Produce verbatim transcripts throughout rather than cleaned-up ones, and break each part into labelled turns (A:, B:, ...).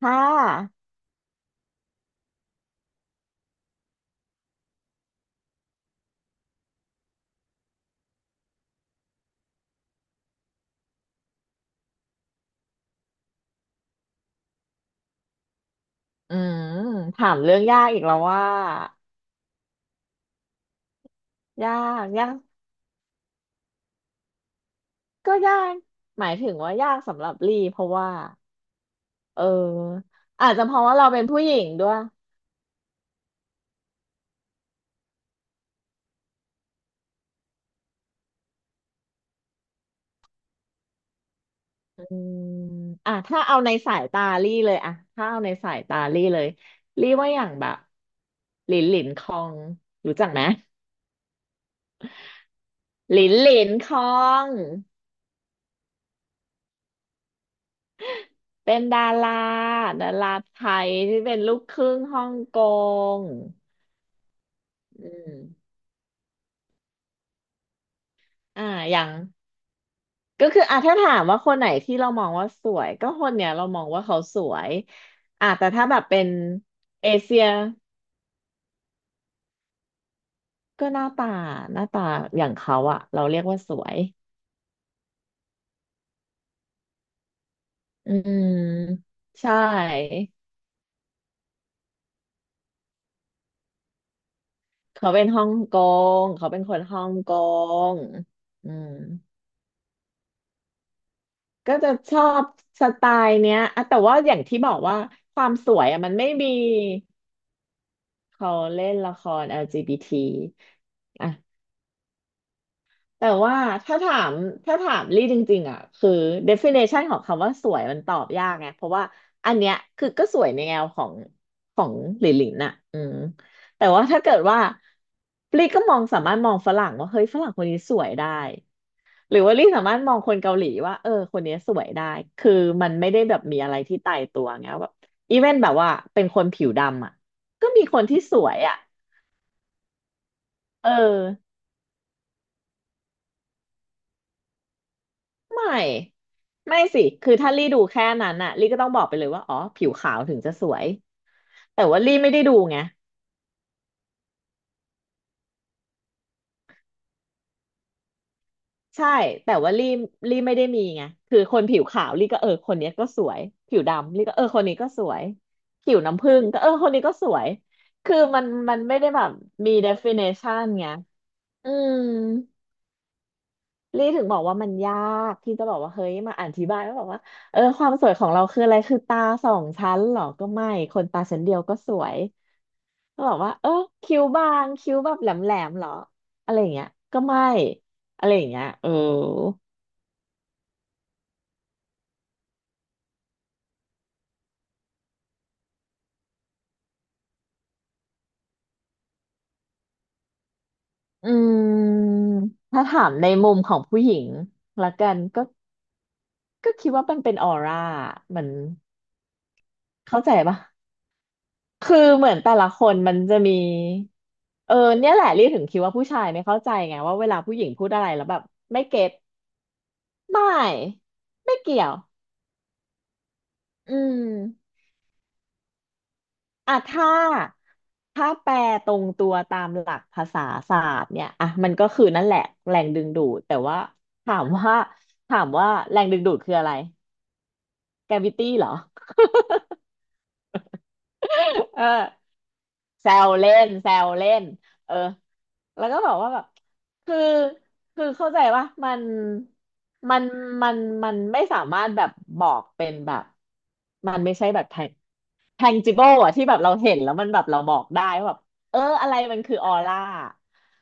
A: ค่ะอืมถามเรื่องยากอีกแล้วว่ายากยากก็ยากหมายถึงว่ายากสำหรับลี่เพราะว่าเอออาจจะเพราะว่าเราเป็นผู้หญิงด้วยอืมอ่ะถ้าเอาในสายตาลี่เลยอะถ้าเอาในสายตาลี่เลยลี่ว่าอย่างแบบหลินหลินคองรู้จักไหมหลินหลินคองเป็นดาราดาราไทยที่เป็นลูกครึ่งฮ่องกงอืมอ่าอย่าง ก็คืออ่ะถ้าถามว่าคนไหนที่เรามองว่าสวยก็คนเนี้ยเรามองว่าเขาสวยอ่ะแต่ถ้าแบบเป็นเอเชียก็หน้าตาหน้าตาอย่างเขาอ่ะเราเรียกว่าสวยอืมใช่เขาเป็นฮ่องกงเขาเป็นคนฮ่องกงอืมก็จะชอบสไตล์เนี้ยอ่ะแต่ว่าอย่างที่บอกว่าความสวยอะมันไม่มีเขาเล่นละคร แอล จี บี ที อลจีบีทีอ่ะ แต่ว่าถ้าถามถ้าถามลี่จริงๆอ่ะคือ definition ของคำว่าสวยมันตอบยากไงเพราะว่าอันเนี้ยคือก็สวยในแนวของของหลินหลินน่ะอืมแต่ว่าถ้าเกิดว่าลี่ก็มองสามารถมองฝรั่งว่าเฮ้ยฝรั่งคนนี้สวยได้หรือว่าลี่สามารถมองคนเกาหลีว่าเออคนนี้สวยได้คือมันไม่ได้แบบมีอะไรที่ตายตัวไงแบบอีเวนแบบว่าเป็นคนผิวดำอ่ะก็มีคนที่สวยอ่ะเออ ไม่ไม่สิคือถ้าลี่ดูแค่นั้นน่ะลี่ก็ต้องบอกไปเลยว่าอ๋อผิวขาวถึงจะสวยแต่ว่าลี่ไม่ได้ดูไงใช่แต่ว่าลี่ลี่ไม่ได้มีไงคือคนผิวขาวลี่ก็เออคนเนี้ยก็สวยผิวดำลี่ก็เออคนนี้ก็สวยผิวน้ำผึ้งก็เออคนนี้ก็สวยคือมันมันไม่ได้แบบมี definition ไงอืมลี่ถึงบอกว่ามันยากที่จะบอกว่าเฮ้ยมาอธิบายว่าแบบว่าเออความสวยของเราคืออะไรคือตาสองชั้นเหรอก็ไม่คนตาชั้นเดียวก็สวย ก็บอกว่าเออคิ้วบางคิ้วแบบแหลมแหลมเหรออะไรอย่างเงี้ยก็ไม่อะไรอย่างเงี้ยเอออืมถ้าถามในมุมของผู้หญิงละกันก็ก็คิดว่ามันเป็นออร่ามันเข้าใจปะคือเหมือนแต่ละคนมันจะมีเออเนี่ยแหละเรียกถึงคิดว่าผู้ชายไม่เข้าใจไงว่าเวลาผู้หญิงพูดอะไรแล้วแบบไม่เก็ตไม่ไม่เกี่ยวอืม อ่ะถ้าถ้าแปลตรงตัวตามหลักภาษาศาสตร์เนี่ยอ่ะมันก็คือนั่นแหละแรงดึงดูดแต่ว่าถามว่าถามว่าแรงดึงดูดคืออะไร g ก a วิตี้เหรอ เออแซวเล่นแซวเล่นเออแล้วก็บอกว่าแบบคือคือเข้าใจว่ามันมันมันมันไม่สามารถแบบบอกเป็นแบบมันไม่ใช่แบบ tangible อะที่แบบเราเห็นแล้วมันแบบเราบอกได้ว่าแบบเอออะไรมันคือออร่า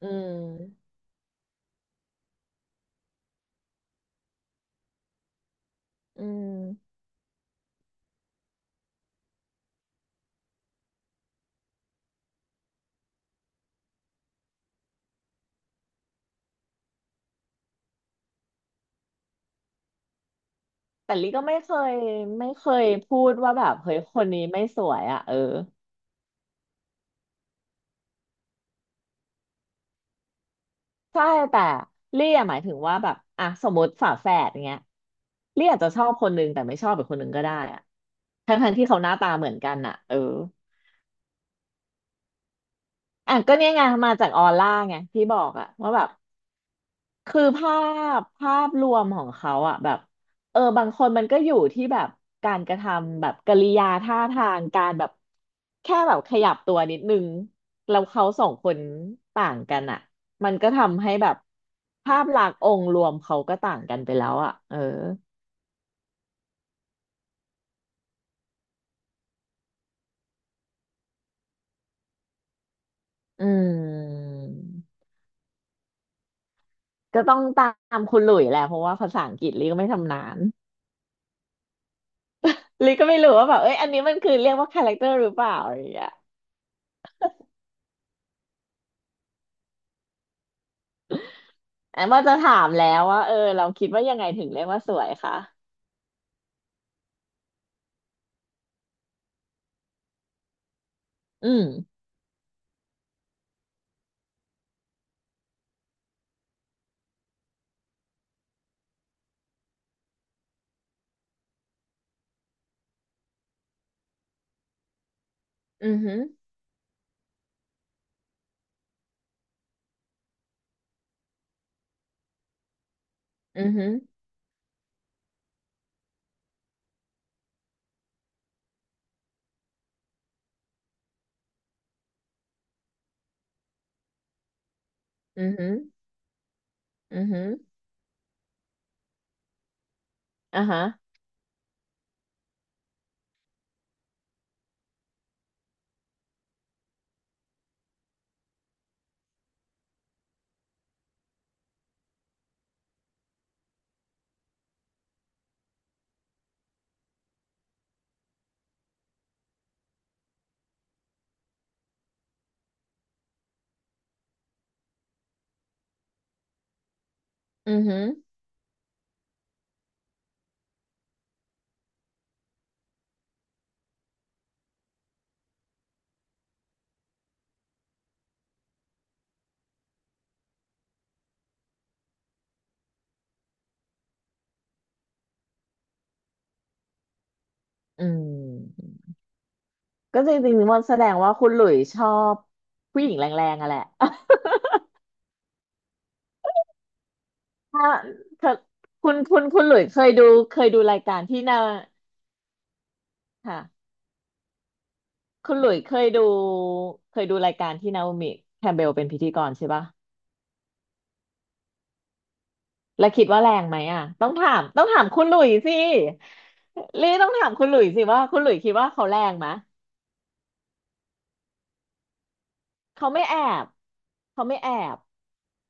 A: อืมอืมแต่ลิก็ไม่เคยไม่เคยพูดว่าแบบเฮ้ยคนนี้ไม่สวยอ่ะเออใช่แต่ลี่อะหมายถึงว่าแบบอ่ะสมมติฝาแฝดเงี้ยลี่อาจจะชอบคนนึงแต่ไม่ชอบอีกคนนึงก็ได้อ่ะทั้งทั้งที่เขาหน้าตาเหมือนกันอ่ะเอออ่ะก็เนี่ยไงมาจากออร่าไงที่บอกอ่ะว่าแบบ คือภาพภาพรวมของเขาอะแบบเออบางคนมันก็อยู่ที่แบบการกระทำแบบกริยาท่าทางการแบบแค่แบบขยับตัวนิดนึงแล้วเขาสองคนต่างกันอะมันก็ทำให้แบบภาพลักษณ์องค์รวมเขาก็ต่างกันไปแล้วอะเอออืมก็ต้องตามคุณหลุยแหละเพราะว่าภาษาอังกฤษลี่ก็ไม่ชำนาญลี่ก็ไม่รู้ว่าแบบเอ้ยอันนี้มันคือเรียกว่าคาแรคเตอร์หรือเปล่าอะไรอย่างเงี้ย แอมว่าจะถามแล้วว่าเออเราคิดว่ายังไงถึงเรียกว่าสวยคะอืมอือหืออือหืออือหืออือหืออ่ะฮะอือหืออืมก็จริงๆมันแสดงว่าคุณหลุยชอบผู้หญิงแรงๆอะแหละ ถ้าถ้าคุณคุณคุณหลุยเคยดูเคยดูรายการที่นาค่ะคุณหลุยเคยดูเคยดูรายการที่นาโอมิแคมเบลเป็นพิธีกรใช่ปะ แล้วคิดว่าแรงไหมอ่ะต้องถามต้องถามคุณหลุยสิลี่ต้องถามคุณหลุยสิว่าคุณหลุยคิดว่าเขาแรงไหมเขาไม่แอบเขาไม่แอบ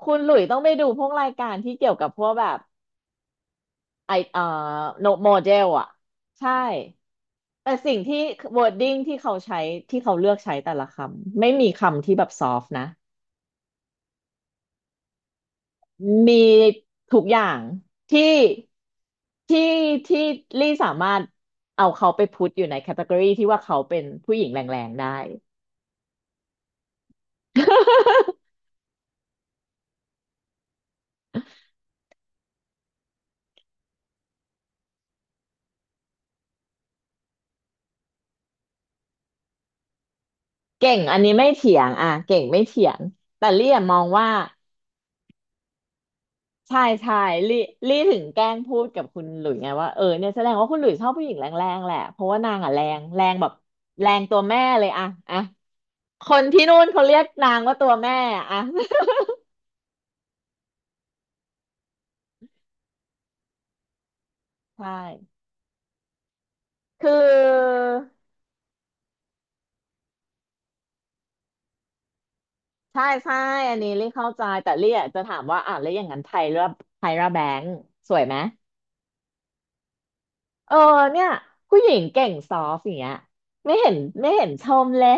A: คุณหลุยต้องไปดูพวกรายการที่เกี่ยวกับพวกแบบไอเอ่อโนโมเดลอ่ะใช่แต่สิ่งที่ wording ที่เขาใช้ที่เขาเลือกใช้แต่ละคำไม่มีคำที่แบบ soft นะ มีทุกอย่างที่ที่ที่ลี่สามารถเอาเขาไปพุทอยู่ในแคตตากรีที่ว่าเขาเป็นผู้หญิงแรงๆได้ เก่งอันนี้ไม่เถียงอ่ะเก่งไม่เถียงแต่ลี่อะมองว่าใช่ใช่ลี่ลี่ถึงแกล้งพูดกับคุณหลุยไงว่าเออเนี่ยแสดงว่าคุณหลุยชอบผู้หญิงแรงๆแหละเพราะว่านางอ่ะแรงแรงแบบแรงตัวแม่เลยอ่ะอ่ะคนที่นู่นเขาเรียกนางว่าตัวแม่อ่ะ ใช่คือ ใช่ใช่อันนี้ลี่เข้าใจแต่ลี่อะจะถามว่าอ่ะแล้วอย่างนั้นไทยร่าไทยร่าแบงค์สวยไหมเออเนี่ยผู้หญิงเก่งซอฟต์อย่างเงี้ยไม่เห็นไม่เห็นชมเลย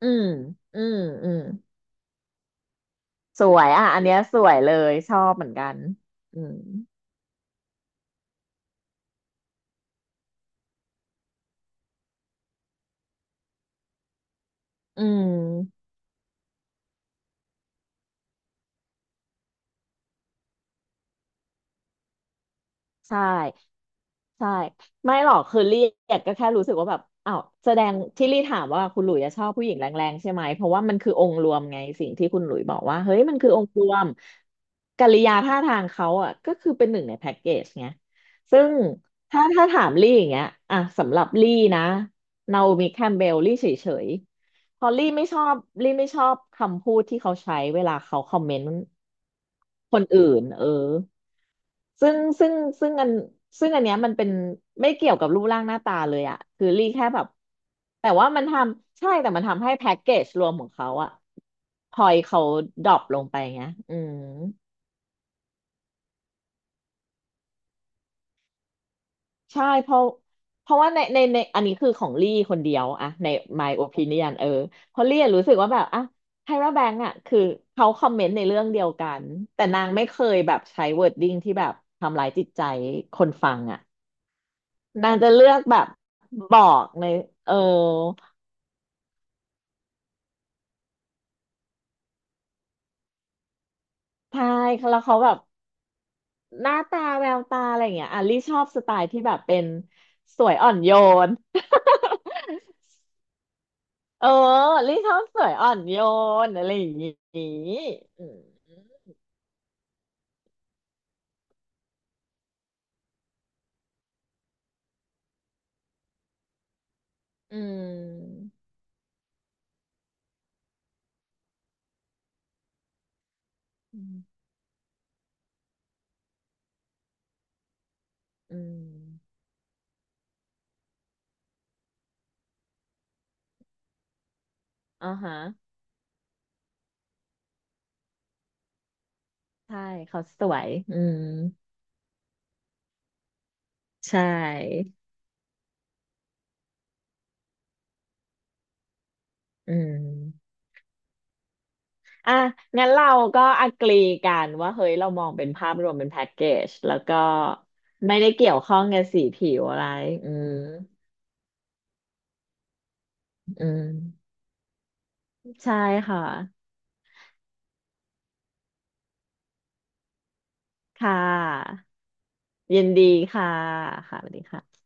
A: อืมอืมอืมสวยอ่ะอันเนี้ยสวยเลยชอบเหมือนกันอืมอืม ใช่ใช่ไม่หรอกคือลี่ยกก็แค่รู้สึกว่าแบบอ้าวแสดงที่ลี่ถามว่าคุณหลุยอะชอบผู้หญิงแรงๆใช่ไหมเพราะว่ามันคือองค์รวมไงสิ่งที่คุณหลุยบอกว่าเฮ้ยมันคือองค์รวมกิริยาท่าทางเขาอ่ะก็คือเป็นหนึ่งในแพ็กเกจไงซึ่งถ้าถ้าถามลี่อย่างเงี้ยอ่ะสำหรับลี่นะนาโอมิแคมเบลลี่เฉยๆเพอลี่ไม่ชอบลี่ไม่ชอบคำพูดที่เขาใช้เวลาเขาคอมเมนต์คนอื่นเออ ซึ่งซึ่งซึ่งอันซึ่งอันเนี้ยมันเป็นไม่เกี่ยวกับรูปร่างหน้าตาเลยอะคือรี่แค่แบบแต่ว่ามันทำใช่แต่มันทำให้แพ็กเกจรวมของเขาอะพอยเขาดรอปลงไปไงอืมใช่เพราะเพราะว่าในในในอันนี้คือของลี่คนเดียวอะใน my opinion เออเพราะลี่อะรู้สึกว่าแบบอะไทราแบงก์อะคือเขาคอมเมนต์ในเรื่องเดียวกันแต่นางไม่เคยแบบใช้ wording ที่แบบทำร้ายจิตใจคนฟังอะ นางจะเลือกแบบบอกในเออใช่แล้วเขาแบบหน้าตาแววตาอะไรอย่างเงี้ยอ่ะลี่ชอบสไตล์ที่แบบเป็นสวยอ่อนโยนเออลี่ชอบสวยอ่อนโยนอะไรอย่างงี้อืมอืมอืมอืมอ่าฮะใช่เขาสวยอืมใช่อืม อ่ะงั้นเราก็อ g ก e e กันว่าเฮ้ยเรามองเป็นภาพรวมเป็นแพ็กเกจแล้วก็ไม่ได้เกี่ยวข้องกับสีผิวอะไรอืมอืมใช่ค่ะค่ะยินดีค่ะค่ะสวัสดีค่ะ